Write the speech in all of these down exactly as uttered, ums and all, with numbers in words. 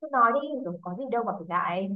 Cứ nói đi rồi có gì đâu mà phải ngại.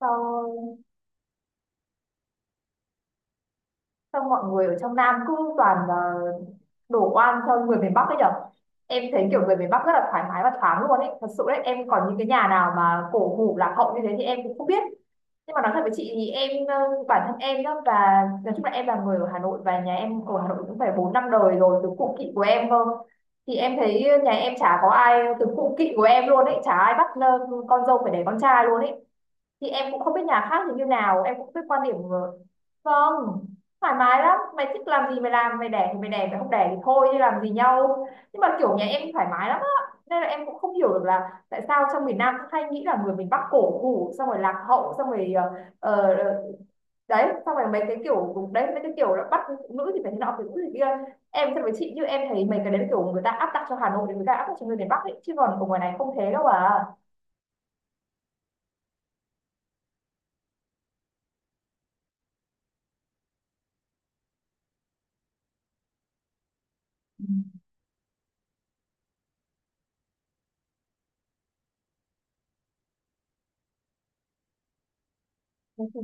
Sao sao mọi người ở trong Nam cứ toàn ờ, đổ oan cho người miền Bắc ấy nhở? Em thấy kiểu người miền Bắc rất là thoải mái và thoáng luôn ấy, thật sự đấy, em còn những cái nhà nào mà cổ hủ lạc hậu như thế thì em cũng không biết. Nhưng mà nói thật với chị thì em ờ, bản thân em đó, và nói chung là em là người ở Hà Nội và nhà em ở Hà Nội cũng phải bốn năm đời rồi, từ cụ kỵ của em cơ. Thì em thấy nhà em chả có ai, từ cụ kỵ của em luôn ấy, chả ai bắt ờ, con dâu phải đẻ con trai luôn ấy. Thì em cũng không biết nhà khác thì như nào, em cũng không biết quan điểm của. Không, thoải mái lắm, mày thích làm gì mày làm, mày đẻ thì mày đẻ, mày không đẻ thì thôi chứ làm gì nhau. Nhưng mà kiểu nhà em thoải mái lắm á, nên là em cũng không hiểu được là tại sao trong miền Nam cũng hay nghĩ là người miền Bắc cổ hủ, xong rồi lạc hậu, xong rồi ờ, ờ, đấy, xong rồi mấy cái kiểu đấy, mấy cái kiểu là bắt phụ nữ thì phải thế nọ, phụ nữ thì kia. Em thật với chị, như em thấy mấy cái đấy là kiểu người ta áp đặt cho Hà Nội, thì người ta áp đặt cho người miền Bắc ấy, chứ còn ở ngoài này không thế đâu à.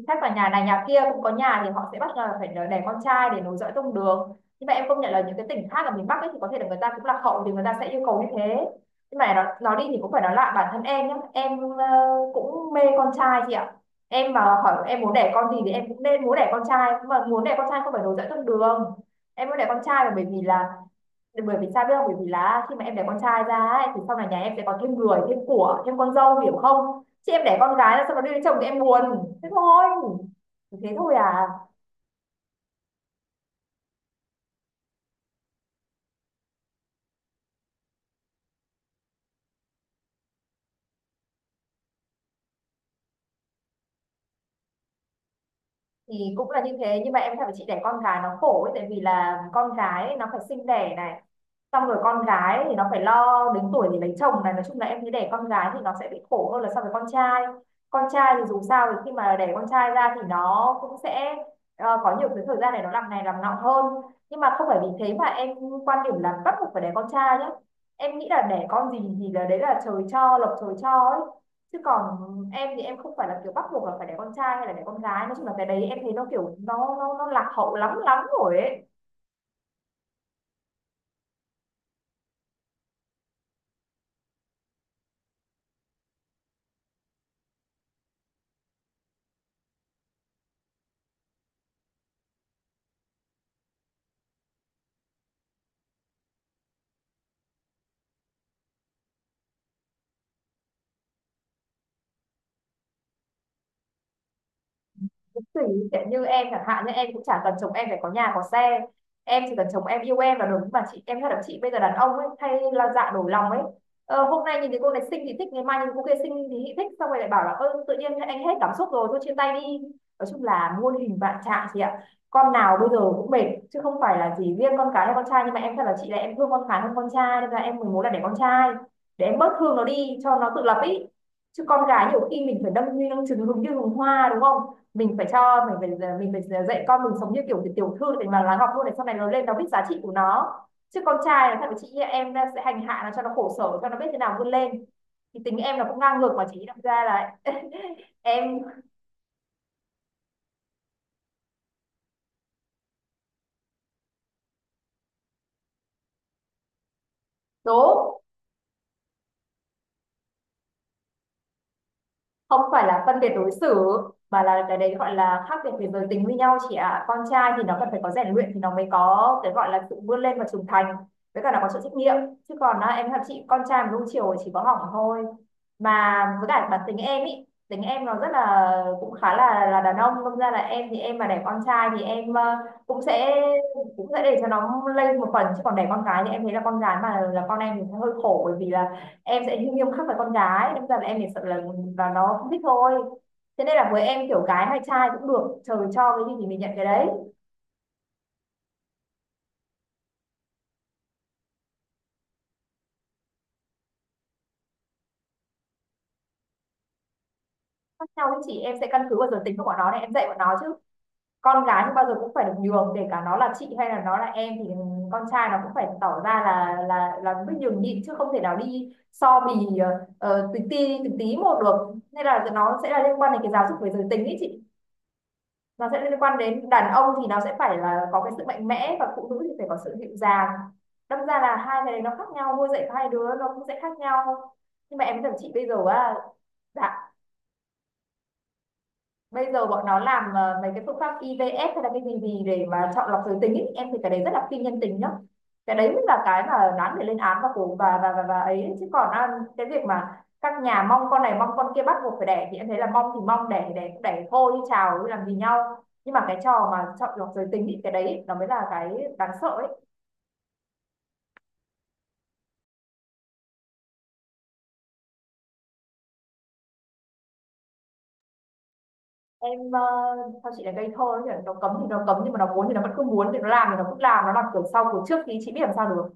Chắc là nhà này nhà kia cũng có, nhà thì họ sẽ bắt là phải đẻ con trai để nối dõi tông đường. Nhưng mà em công nhận là những cái tỉnh khác ở miền Bắc ấy, thì có thể là người ta cũng lạc hậu, thì người ta sẽ yêu cầu như thế. Nhưng mà nó, nó đi thì cũng phải nói lại, bản thân em nhé, em ờ, cũng mê con trai, chị ạ. Em mà hỏi em muốn đẻ con gì thì em cũng nên muốn đẻ con trai, mà muốn đẻ con trai không phải nối dõi tông đường, em muốn đẻ con trai là bởi vì là, bởi vì sao biết không, bởi vì là khi mà em đẻ con trai ra ấy, thì sau này nhà em sẽ có thêm người thêm của, thêm con dâu, hiểu không? Chị, em đẻ con gái là sau đó đi lấy chồng thì em buồn, thế thôi, thế thôi à. Thì cũng là như thế, nhưng mà em thấy chị, đẻ con gái nó khổ ấy, tại vì là con gái ấy, nó phải sinh đẻ này, xong rồi con gái thì nó phải lo đến tuổi thì lấy chồng này, nói chung là em thấy đẻ con gái thì nó sẽ bị khổ hơn là so với con trai. Con trai thì dù sao thì khi mà đẻ con trai ra thì nó cũng sẽ ờ, có nhiều cái thời gian để nó làm này làm nọ hơn. Nhưng mà không phải vì thế mà em quan điểm là bắt buộc phải đẻ con trai nhé, em nghĩ là đẻ con gì thì là đấy là trời cho, lộc trời cho ấy. Chứ còn em thì em không phải là kiểu bắt buộc là phải đẻ con trai hay là đẻ con gái, nói chung là cái đấy em thấy nó kiểu nó nó nó lạc hậu lắm lắm rồi ấy. Cũng tùy, sẽ như em chẳng hạn, như em cũng chả cần chồng em phải có nhà có xe, em chỉ cần chồng em yêu em là đúng mà chị. Em thật là chị, bây giờ đàn ông ấy hay là dạ đổi lòng ấy, ờ, hôm nay nhìn thấy cô này xinh thì thích, ngày mai nhìn cô kia xinh thì thích, xong rồi lại bảo là ơ tự nhiên anh hết cảm xúc rồi, thôi chia tay đi. Nói chung là muôn hình vạn trạng chị ạ, con nào bây giờ cũng mệt, chứ không phải là chỉ riêng con cái hay con trai. Nhưng mà em thật là chị, là em thương con gái hơn con trai, nên là em mới muốn là để con trai, để em bớt thương nó đi cho nó tự lập ý. Chứ con gái nhiều khi mình phải đâm như đâm trứng, hứng như hùng hoa, đúng không? Mình phải cho mình phải mình phải dạy con mình sống như kiểu tiểu thư, để mà nó học luôn, để sau này nó lên nó biết giá trị của nó. Chứ con trai là thằng chị em sẽ hành hạ nó cho nó khổ sở, cho nó biết thế nào vươn lên. Thì tính em là cũng ngang ngược mà, chỉ đâm ra là em đố. Không phải là phân biệt đối xử, mà là cái đấy gọi là khác biệt về giới tính với nhau, chị ạ. Con trai thì nó cần phải có rèn luyện thì nó mới có cái gọi là sự vươn lên và trưởng thành, với cả nó có sự trách nhiệm. Chứ còn á, em thật chị, con trai mà nuông chiều chỉ có hỏng thôi. Mà với cả bản tính em ý, tính em nó rất là cũng khá là là đàn ông, đâm ra là em thì em mà đẻ con trai thì em ờ, cũng sẽ cũng sẽ để cho nó lây một phần. Chứ còn đẻ con gái thì em thấy là con gái mà là con em thì sẽ hơi khổ, bởi vì là em sẽ nghiêm khắc với con gái, đâm ra là em chỉ sợ là và nó không thích thôi. Thế nên là với em, kiểu gái hay trai cũng được, trời cho cái gì thì mình nhận cái đấy. Khác nhau, với chị em sẽ căn cứ vào giới tính của bọn nó để em dạy bọn nó chứ. Con gái thì bao giờ cũng phải được nhường, kể cả nó là chị hay là nó là em, thì con trai nó cũng phải tỏ ra là là là biết nhường nhịn, chứ không thể nào đi so bì ờ, từng tí từng tí một được. Nên là nó sẽ là liên quan đến cái giáo dục về giới tính ấy chị, nó sẽ liên quan đến đàn ông thì nó sẽ phải là có cái sự mạnh mẽ, và phụ nữ thì phải có sự dịu dàng. Đâm ra là hai cái này nó khác nhau, nuôi dạy hai đứa nó cũng sẽ khác nhau. Nhưng mà em với thằng chị bây giờ á, đã, bây giờ bọn nó làm ờ, mấy cái phương pháp i vê ép hay là cái gì gì để mà chọn lọc giới tính ý. Em thì cái đấy rất là phi nhân tính nhá, cái đấy mới là cái mà đáng để lên án, và cổ và và và, và ấy. Chứ còn à, cái việc mà các nhà mong con này mong con kia bắt buộc phải đẻ thì em thấy là mong thì mong, đẻ thì đẻ, cũng đẻ thôi chứ chào chứ làm gì nhau. Nhưng mà cái trò mà chọn lọc giới tính thì cái đấy nó mới là cái đáng sợ ấy. Em ờ, sao chị lại gây thơ ấy, nó cấm thì nó cấm, nhưng mà nó muốn thì nó vẫn cứ muốn, thì nó làm thì nó cứ làm, nó làm kiểu sau kiểu trước thì chị biết làm sao được.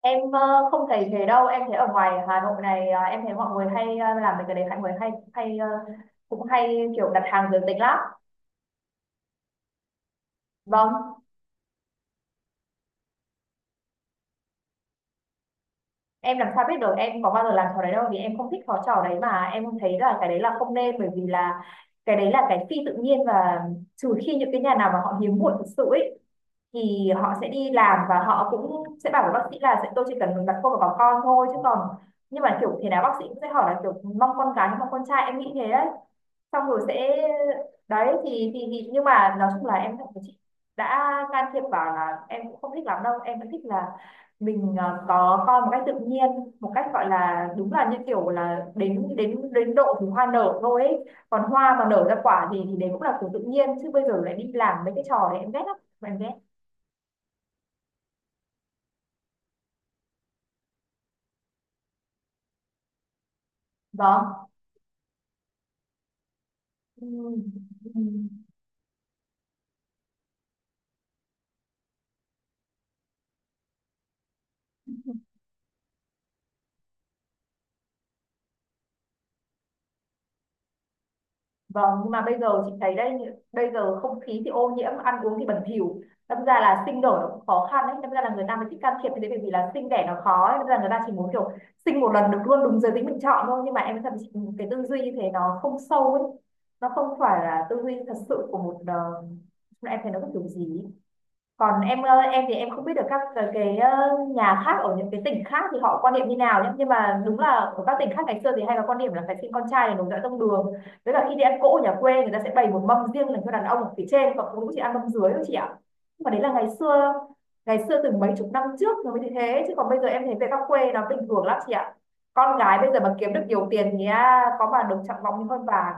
Em ờ, không thấy thế đâu, em thấy ở ngoài Hà Nội này ờ, em thấy mọi người hay ờ, làm mấy cái đấy, mọi người hay hay ờ, cũng hay kiểu đặt hàng giới tính lắm. Vâng, em làm sao biết được, em có bao giờ làm trò đấy đâu, vì em không thích trò trò đấy. Mà em thấy là cái đấy là không nên, bởi vì là cái đấy là cái phi tự nhiên. Và trừ khi những cái nhà nào mà họ hiếm muộn thực sự ấy, thì họ sẽ đi làm, và họ cũng sẽ bảo với bác sĩ là sẽ tôi chỉ cần đặt cô vào có con thôi chứ còn. Nhưng mà kiểu thế nào bác sĩ cũng sẽ hỏi là kiểu mong con gái hay mong con trai, em nghĩ thế đấy. Xong rồi sẽ đấy thì thì, thì nhưng mà nói chung là em cảm thấy chị đã can thiệp vào là em cũng không thích lắm đâu. Em vẫn thích là mình ờ, có con một cách tự nhiên, một cách gọi là đúng là như kiểu là đến đến đến độ thì hoa nở thôi ấy. Còn hoa mà nở ra quả thì thì đấy cũng là của tự nhiên, chứ bây giờ lại đi làm mấy cái trò đấy em ghét lắm. Em ghét. Vâng. Ừ. Vâng, nhưng mà bây giờ chị thấy đây, bây giờ không khí thì ô nhiễm, ăn uống thì bẩn thỉu. Đâm ra là sinh nở nó cũng khó khăn đấy, đâm ra là người ta mới thích can thiệp như thế, bởi vì là sinh đẻ nó khó ấy. Đâm ra người ta chỉ muốn kiểu sinh một lần được luôn đúng giới tính mình chọn thôi. Nhưng mà em thật sự, cái tư duy như thế nó không sâu ấy. Nó không phải là tư duy thật sự của một ờ, em thấy nó có kiểu gì ấy. Còn em, ờ, em thì em không biết được các cái, cái ờ, nhà khác ở những cái tỉnh khác thì họ quan niệm như nào nhé, nhưng mà đúng là ở các tỉnh khác ngày xưa thì hay có quan niệm là phải xin con trai để nối dõi tông đường. Với cả khi đi ăn cỗ ở nhà quê, người ta sẽ bày một mâm riêng dành cho đàn ông ở phía trên, còn phụ nữ chỉ ăn mâm dưới thôi chị ạ. Nhưng mà đấy là ngày xưa, ngày xưa từ mấy chục năm trước nó mới như thế, chứ còn bây giờ em thấy về các quê nó bình thường lắm chị ạ. Con gái bây giờ mà kiếm được nhiều tiền thì à, có mà được trọng vọng như con bà.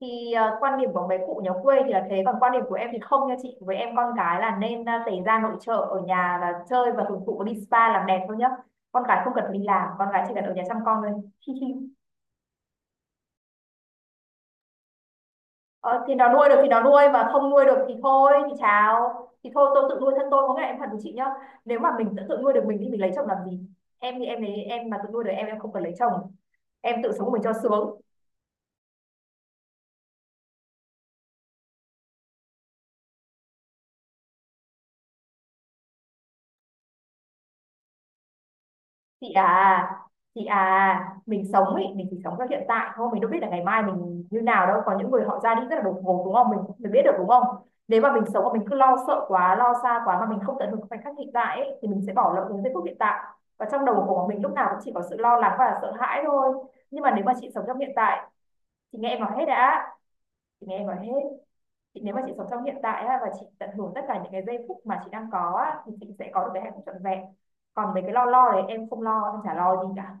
Thì ờ, quan điểm của mấy cụ nhà quê thì là thế, còn quan điểm của em thì không nha chị. Với em con cái là nên ờ, tẩy da nội trợ ở nhà, là chơi và hưởng thụ đi spa làm đẹp thôi nhá. Con cái không cần phải đi làm, con cái chỉ cần ở nhà chăm con thôi. ờ, thì nó nuôi được thì nó nuôi, và không nuôi được thì thôi thì chào, thì thôi tôi tự nuôi thân tôi. Có nghĩa em thật với chị nhá, nếu mà mình tự nuôi được mình thì mình lấy chồng làm gì? Em thì em lấy, em mà tự nuôi được em em không cần lấy chồng, em tự sống của mình cho sướng. Chị à, chị à, mình sống ấy, mình chỉ sống cho hiện tại thôi, mình đâu biết là ngày mai mình như nào đâu. Có những người họ ra đi rất là đột ngột đúng không, mình mình biết được đúng không. Nếu mà mình sống mà mình cứ lo sợ quá, lo xa quá mà mình không tận hưởng khoảnh khắc hiện tại ấy, thì mình sẽ bỏ lỡ những giây phút hiện tại, và trong đầu của mình lúc nào cũng chỉ có sự lo lắng và sợ hãi thôi. Nhưng mà nếu mà chị sống trong hiện tại, chị nghe em nói hết đã. Chị nghe em nói hết. Chị nếu mà chị sống trong hiện tại á, và chị tận hưởng tất cả những cái giây phút mà chị đang có á, thì chị sẽ có được cái hạnh phúc trọn vẹn. Còn về cái lo lo đấy em không lo, em chả lo gì cả.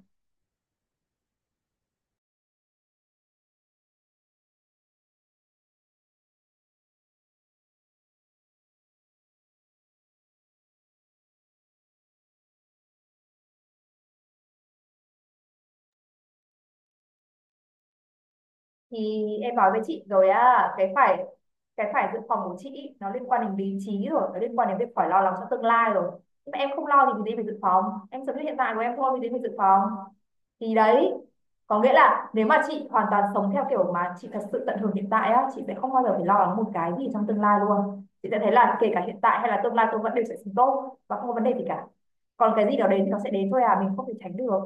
Thì em nói với chị rồi á, cái phải cái phải dự phòng của chị ý, nó liên quan đến lý trí rồi, nó liên quan đến việc phải lo lắng cho tương lai rồi. Nhưng mà em không lo thì gì phải dự phòng, em sống như hiện tại của em thôi thì gì phải dự phòng. Thì đấy, có nghĩa là nếu mà chị hoàn toàn sống theo kiểu mà chị thật sự tận hưởng hiện tại á, chị sẽ không bao giờ phải lo lắng một cái gì trong tương lai luôn. Chị sẽ thấy là kể cả hiện tại hay là tương lai tôi vẫn đều sẽ sống tốt và không có vấn đề gì cả. Còn cái gì đó đến thì nó sẽ đến thôi, à mình không thể tránh được.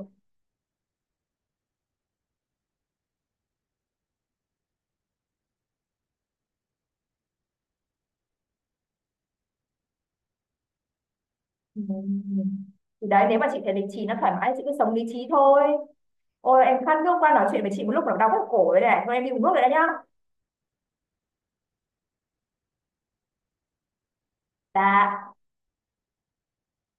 Ừ. Thì đấy, nếu mà chị thấy lý trí nó thoải mái chị cứ sống lý trí thôi. Ôi em khát nước qua, nói chuyện với chị một lúc nó đau hết cổ rồi này, thôi em đi uống nước rồi đấy nhá. Dạ.